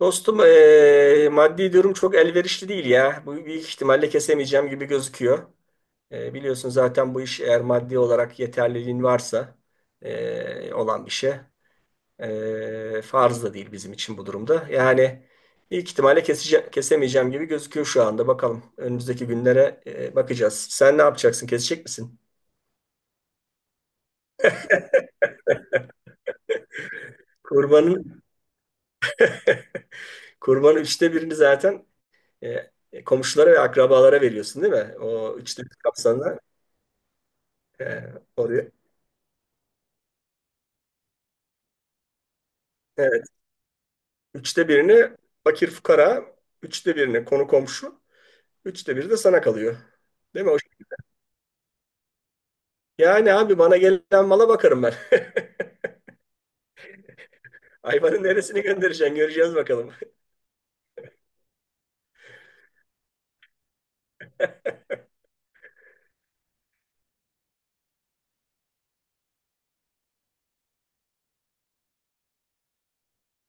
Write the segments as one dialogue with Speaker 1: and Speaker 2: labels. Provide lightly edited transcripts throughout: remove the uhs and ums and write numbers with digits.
Speaker 1: Dostum maddi durum çok elverişli değil ya. Bu büyük ihtimalle kesemeyeceğim gibi gözüküyor. Biliyorsun zaten bu iş eğer maddi olarak yeterliliğin varsa olan bir şey. Farz da değil bizim için bu durumda. Yani büyük ihtimalle kesemeyeceğim gibi gözüküyor şu anda. Bakalım önümüzdeki günlere bakacağız. Sen ne yapacaksın? Kesecek misin? Kurbanın kurbanın üçte birini zaten eee, komşulara ve akrabalara veriyorsun değil mi? O üçte bir kapsamda. Ee, Oraya. Evet. Üçte birini fakir fukara, üçte birini konu komşu, üçte biri de sana kalıyor. Değil mi? O- Yani abi bana gelen mala bakarım ben. Hayvanın neresini göndereceksin göreceğiz bakalım.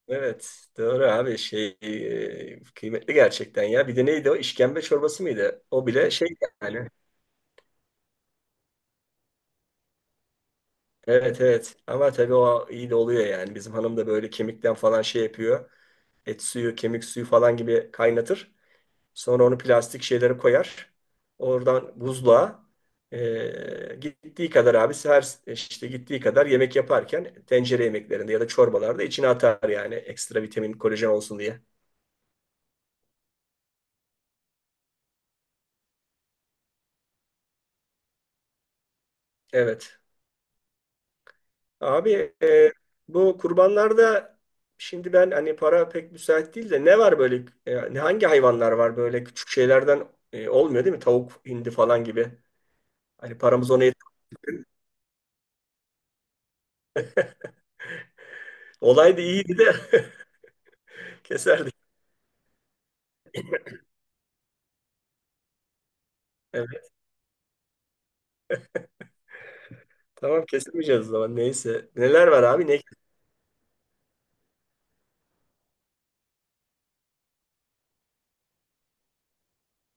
Speaker 1: Evet. Doğru abi şey kıymetli gerçekten ya. Bir de neydi o? İşkembe çorbası mıydı? O bile şey yani. Evet, evet. Ama tabii o iyi de oluyor yani. Bizim hanım da böyle kemikten falan şey yapıyor. Et suyu, kemik suyu falan gibi kaynatır. Sonra onu plastik şeylere koyar. Oradan buzluğa gittiği kadar abi her işte gittiği kadar yemek yaparken tencere yemeklerinde ya da çorbalarda içine atar yani ekstra vitamin, kolajen olsun diye. Evet. Abi bu kurbanlarda şimdi ben hani para pek müsait değil de ne var böyle ne hangi hayvanlar var böyle küçük şeylerden olmuyor değil mi? Tavuk, hindi falan gibi. Hani paramız ona olaydı iyiydi de keserdik. Tamam kesemeyeceğiz o zaman. Neyse. Neler var abi? Ne?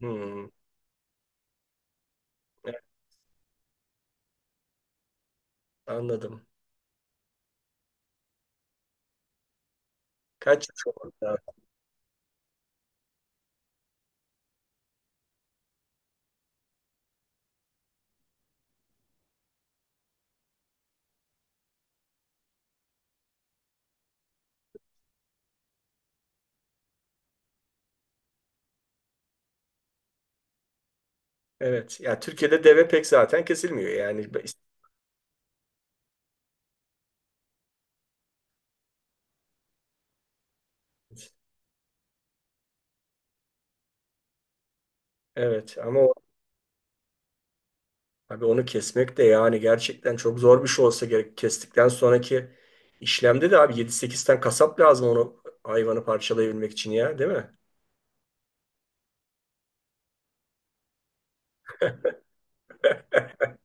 Speaker 1: Hmm, evet, anladım. Kaç yıl oldu abi? Evet. Ya Türkiye'de deve pek zaten kesilmiyor. Yani evet, ama abi onu kesmek de yani gerçekten çok zor bir şey olsa gerek. Kestikten sonraki işlemde de abi 7 8 tane kasap lazım onu hayvanı parçalayabilmek için ya, değil mi?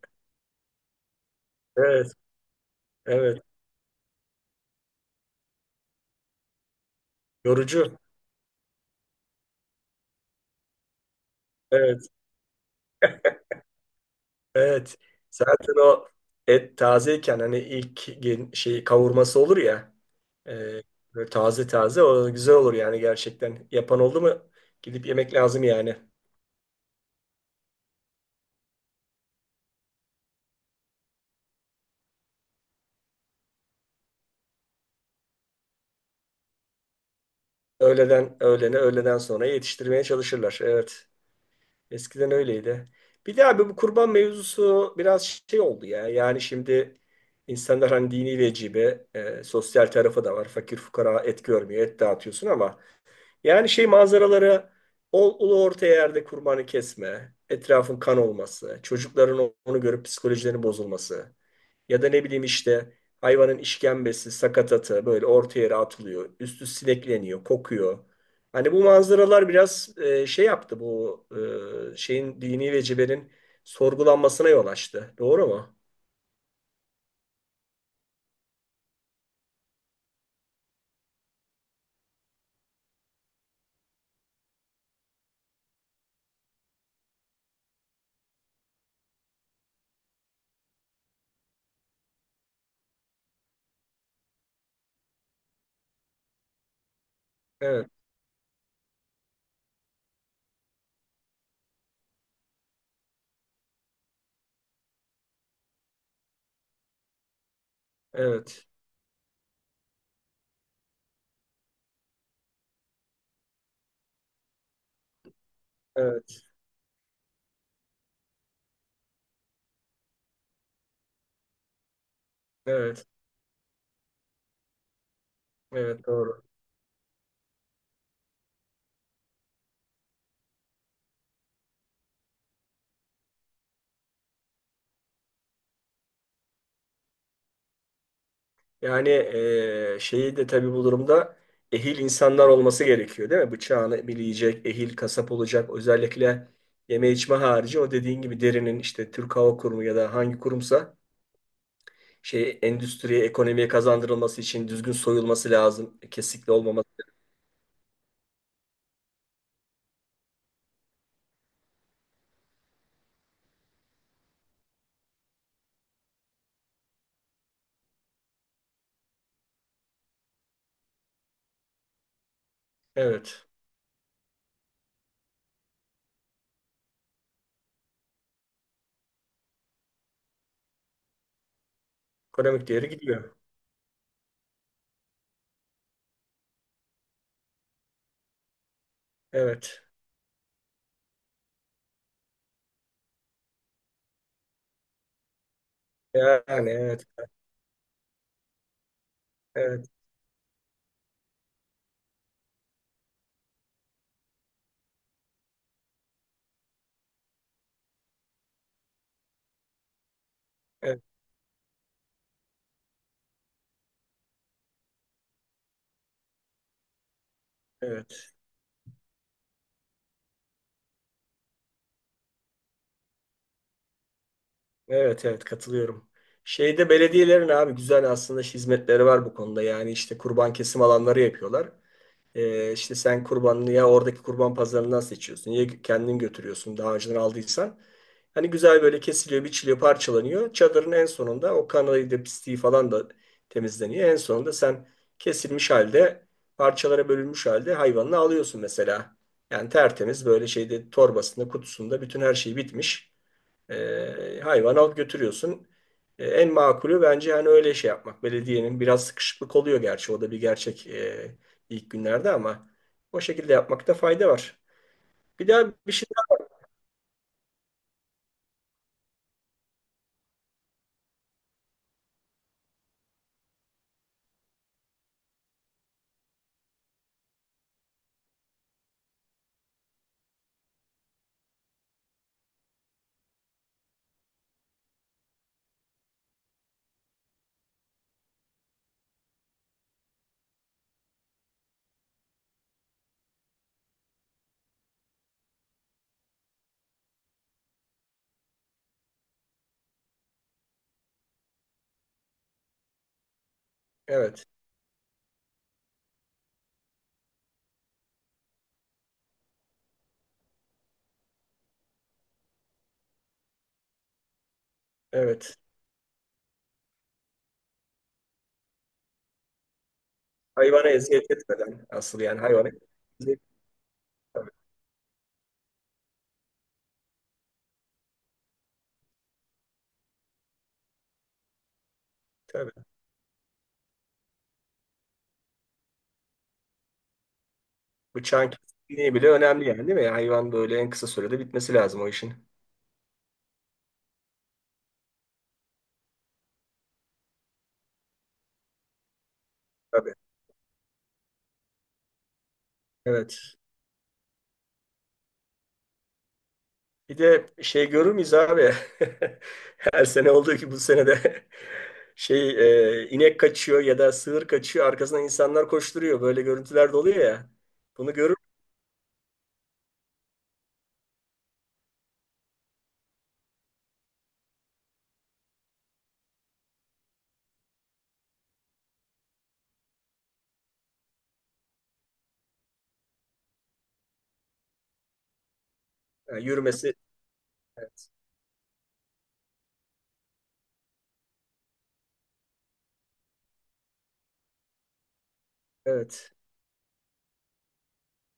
Speaker 1: Evet. Evet. Yorucu. Evet. Evet. Zaten o et tazeyken hani ilk şey kavurması olur ya. e, Böyle taze taze o güzel olur yani gerçekten. Yapan oldu mu gidip yemek lazım yani. Öğleden öğlene öğleden sonra yetiştirmeye çalışırlar. Evet. Eskiden öyleydi. Bir de abi bu kurban mevzusu biraz şey oldu ya. Yani şimdi insanlar hani dini vecibe sosyal tarafı da var. Fakir fukara et görmüyor. Et dağıtıyorsun ama yani şey manzaralara ulu orta yerde kurbanı kesme, etrafın kan olması, çocukların onu görüp psikolojilerinin bozulması ya da ne bileyim işte hayvanın işkembesi, sakatatı böyle orta yere atılıyor, üstü sinekleniyor, kokuyor. Hani bu manzaralar biraz şey yaptı bu şeyin dini vecibenin sorgulanmasına yol açtı. Doğru mu? Evet, evet, evet, evet, evet doğru. Yani şeyi de tabii bu durumda ehil insanlar olması gerekiyor değil mi? Bıçağını bileyecek, ehil kasap olacak. Özellikle yeme içme harici o dediğin gibi derinin işte Türk Hava Kurumu ya da hangi kurumsa şey endüstriye, ekonomiye kazandırılması için düzgün soyulması lazım. Kesikli olmaması. Evet. Ekonomik değeri gidiyor. Evet. Yani evet. Evet. Evet. Evet. Evet. Evet. Katılıyorum. Şeyde belediyelerin abi güzel aslında hizmetleri var bu konuda. Yani işte kurban kesim alanları yapıyorlar. İşte sen kurbanını ya oradaki kurban pazarından seçiyorsun ya kendin götürüyorsun daha önceden aldıysan. Hani güzel böyle kesiliyor, biçiliyor, parçalanıyor. Çadırın en sonunda o kanayı da pisliği falan da temizleniyor. En sonunda sen kesilmiş halde, parçalara bölünmüş halde hayvanını alıyorsun mesela. Yani tertemiz böyle şeyde torbasında, kutusunda bütün her şey bitmiş. E, hayvanı alıp götürüyorsun. E, en makulü bence hani öyle şey yapmak. Belediyenin biraz sıkışıklık oluyor gerçi. O da bir gerçek ilk günlerde ama o şekilde yapmakta fayda var. Bir daha bir şey daha. Evet. Evet. Hayvana eziyet etmeden asıl yani hayvana eziyet tabii, tabii. Bıçağın kesinliği bile önemli yani değil mi? Yani hayvan böyle en kısa sürede bitmesi lazım o işin. Tabii. Evet. Bir de şey görür müyüz abi? Her sene olduğu ki bu sene de şey inek kaçıyor ya da sığır kaçıyor. Arkasından insanlar koşturuyor. Böyle görüntüler de oluyor ya. Bunu görür yani yürümesi. Evet, evet.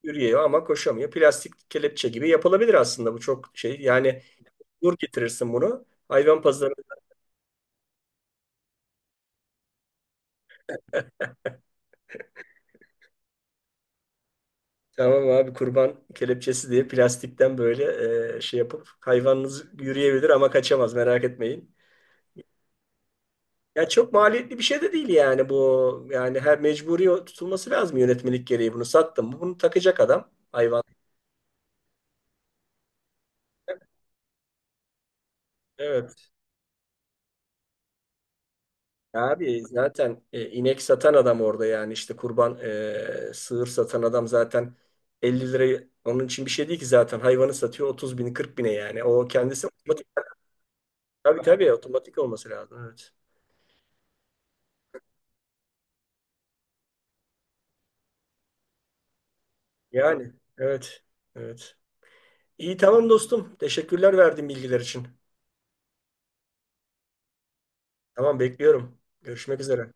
Speaker 1: Yürüyor ama koşamıyor. Plastik kelepçe gibi yapılabilir aslında bu çok şey. Yani nur getirirsin bunu. Hayvan pazarı tamam abi kurban kelepçesi diye plastikten böyle şey yapıp hayvanınız yürüyebilir ama kaçamaz merak etmeyin. Ya çok maliyetli bir şey de değil yani bu. Yani her mecburi tutulması lazım yönetmelik gereği. Bunu sattım mı bunu takacak adam. Hayvan. Evet. Abi zaten inek satan adam orada yani işte kurban sığır satan adam zaten 50 lirayı onun için bir şey değil ki zaten hayvanı satıyor 30 bin 40 bine yani. O kendisi otomatik. Tabii tabii otomatik olması lazım. Evet. Yani evet. Evet. İyi tamam dostum. Teşekkürler verdiğin bilgiler için. Tamam bekliyorum. Görüşmek üzere.